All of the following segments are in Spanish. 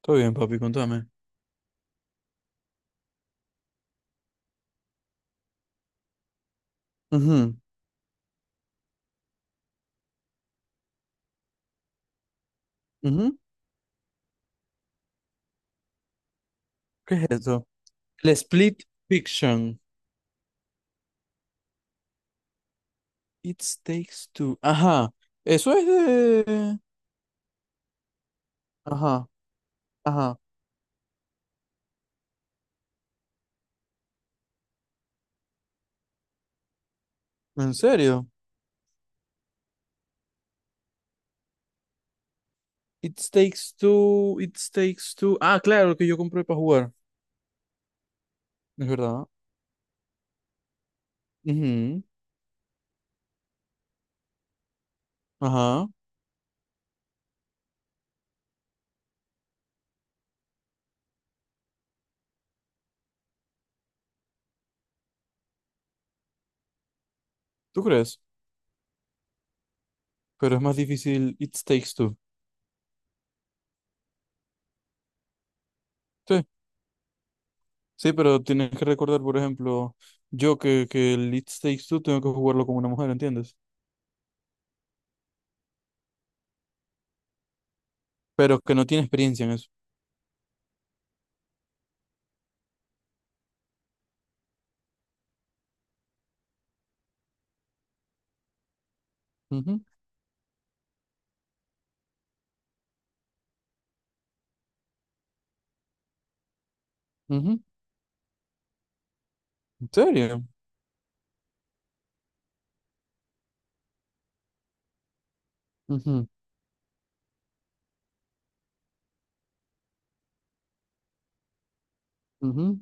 Todo bien, papi, contame. Ujú, ujú. ¿Qué es eso? El Split Fiction. It Takes Two. Ajá. Eso es de. Ajá, ajá. ¿En serio? It Takes Two, It Takes Two. Ah, claro, el que yo compré para jugar. Es verdad. Ujú, ajá. ¿Tú crees? Pero es más difícil It Takes Two. Sí, sí, pero tienes que recordar, por ejemplo, yo que el It Takes Two tengo que jugarlo como una mujer, ¿entiendes? Pero que no tiene experiencia en eso. Ujú, ujú. ¿En serio? Ujú, ujú,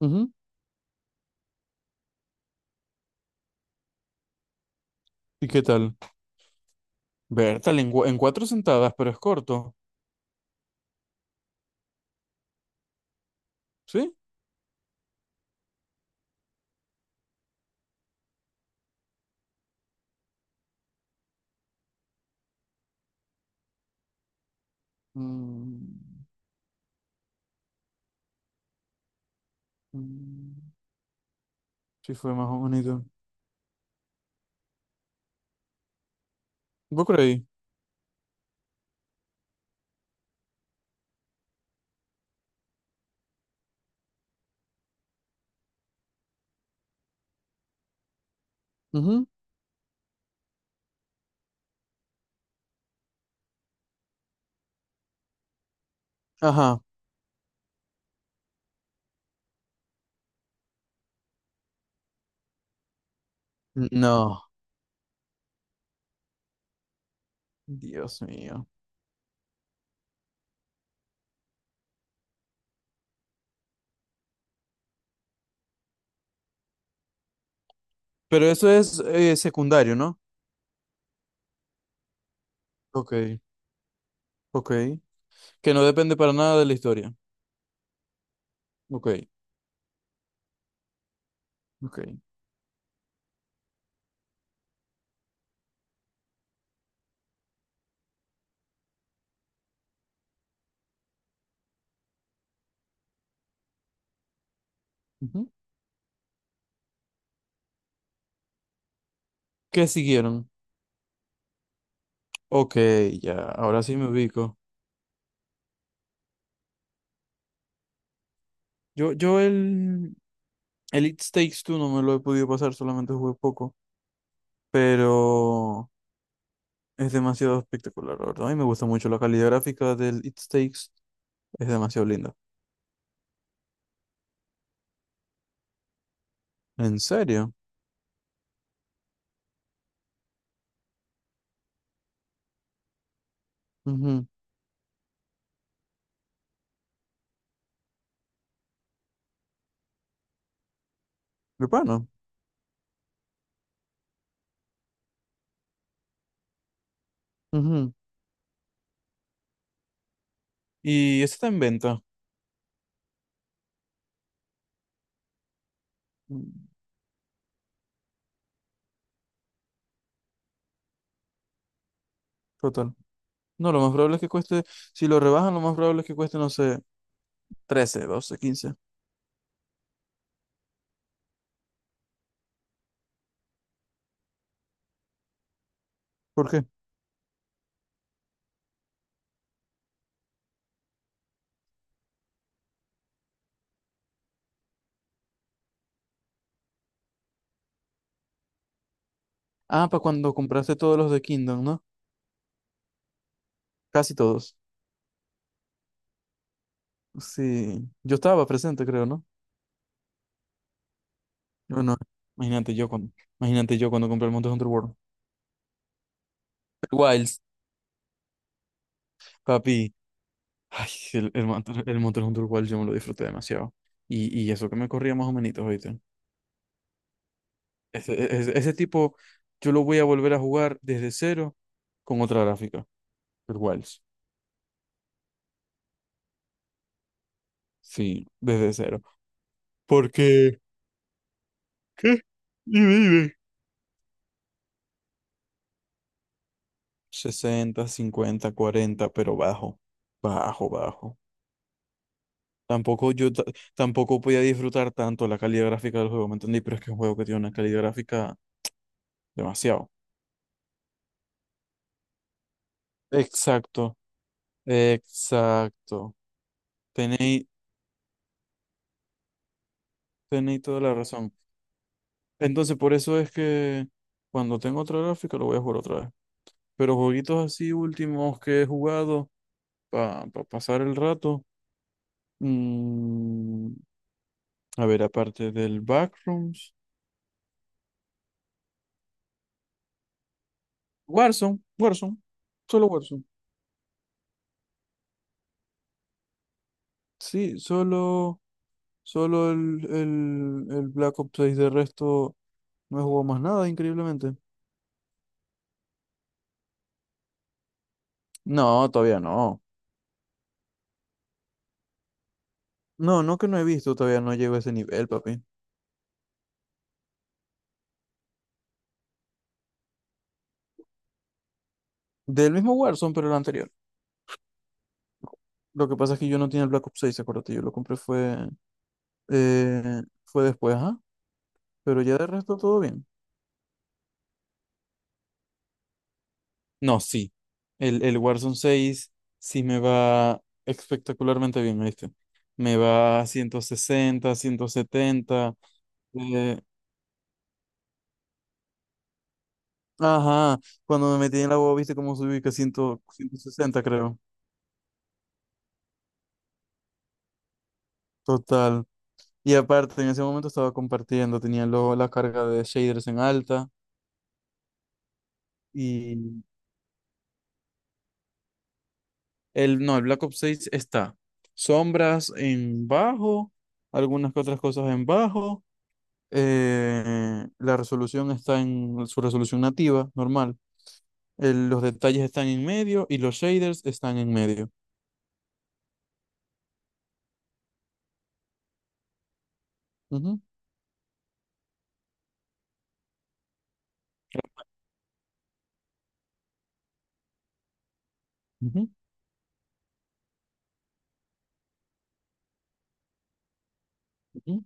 ujú. ¿Y qué tal? Bertal, en cuatro sentadas, pero es corto. ¿Sí? Mm, mm, sí, fue más bonito. ¿Vos creí? Ujú. Ajá. No. Dios mío. Pero eso es secundario, ¿no? Ok, ok. Que no depende para nada de la historia. Ok, ok. Ujú. ¿Qué siguieron? Ok, ya, ahora sí me ubico. Yo el It Takes Two no me lo he podido pasar, solamente jugué poco. Pero. Es demasiado espectacular, la verdad. A mí me gusta mucho la calidad gráfica del It Takes. Es demasiado linda. ¿En serio? Ujú. Urbano. Ujú. Y ese está en venta. Mm, total. No, lo más probable es que cueste, si lo rebajan, lo más probable es que cueste, no sé, 13, 12, 15 ¿Por qué? Ah, para cuando compraste todos los de Kingdom, ¿no? Casi todos. Sí. Yo estaba presente, creo, ¿no? Yo no. Imagínate yo cuando, imagínate yo cuando compré el Monster Hunter World. Wilds, papi. Ay, el Monster Hunter World yo me lo disfruté demasiado. Y eso que me corría más o menos, ¿oíste? Ese tipo, yo lo voy a volver a jugar desde cero con otra gráfica. El Wilds. Sí, desde cero. Porque, ¿Qué? Dime, dime. 60, 50, 40, pero bajo. Bajo, bajo. Tampoco yo ta- Tampoco podía disfrutar tanto la calidad gráfica del juego, ¿me entendí? Pero es que es un juego que tiene una calidad gráfica demasiado. Exacto, exacto. Tenéis, tenéis toda la razón. Entonces, por eso es que cuando tengo otra gráfica lo voy a jugar otra vez. Pero jueguitos así últimos que he jugado para pasar el rato. mm, a ver, aparte del Backrooms. Warzone, Warzone, solo Warzone. Sí, solo el Black Ops 6. De resto, no he jugado más nada, increíblemente. No, todavía no. No, no que no he visto, todavía no llego a ese nivel, papi. Del mismo Warzone, pero el anterior. Lo que pasa es que yo no tenía el Black Ops 6, acuérdate, yo lo compré fue, fue después, ajá. Pero ya de resto todo bien. No, sí. El Warzone 6 sí me va espectacularmente bien, ¿viste? Me va a 160, 170. eh, ajá, cuando me metí en la boba, ¿viste cómo subí? Que 100, 160, creo. Total. Y aparte, en ese momento estaba compartiendo, tenía luego la carga de shaders en alta. Y el, no, el Black Ops 6 está. Sombras en bajo, algunas que otras cosas en bajo. La resolución está en su resolución nativa, normal. Los detalles están en medio y los shaders están en medio. Ujú, ujú, ujú.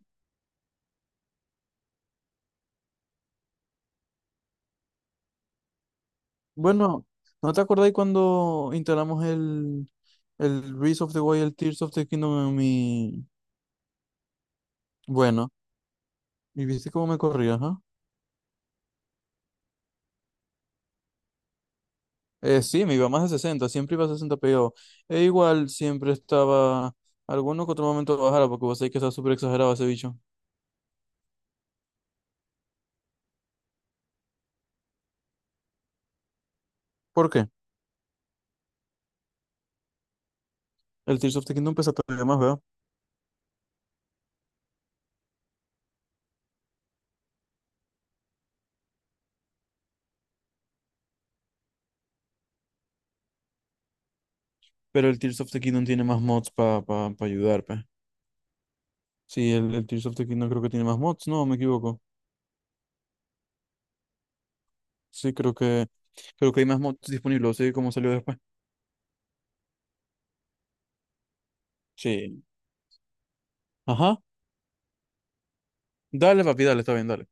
Bueno, ¿no te acordáis cuando instalamos el Breath of the Wild Tears of the Kingdom en mi... Bueno, ¿y viste cómo me corría, ajá? Sí, me iba más de 60, siempre iba a 60 PO. E igual siempre estaba alguno que otro momento bajara, porque vos sabés que está súper exagerado ese bicho. ¿Por qué? El Tears of the Kingdom pesa todavía más, ¿verdad? Pero el Tears of the Kingdom tiene más mods para pa, pa pa ayudar, pues. Sí, el Tears of the Kingdom creo que tiene más mods, no, me equivoco. Sí, creo que hay más mods disponibles, sí, como salió después. Sí. Ajá. Dale, papi, dale, está bien, dale.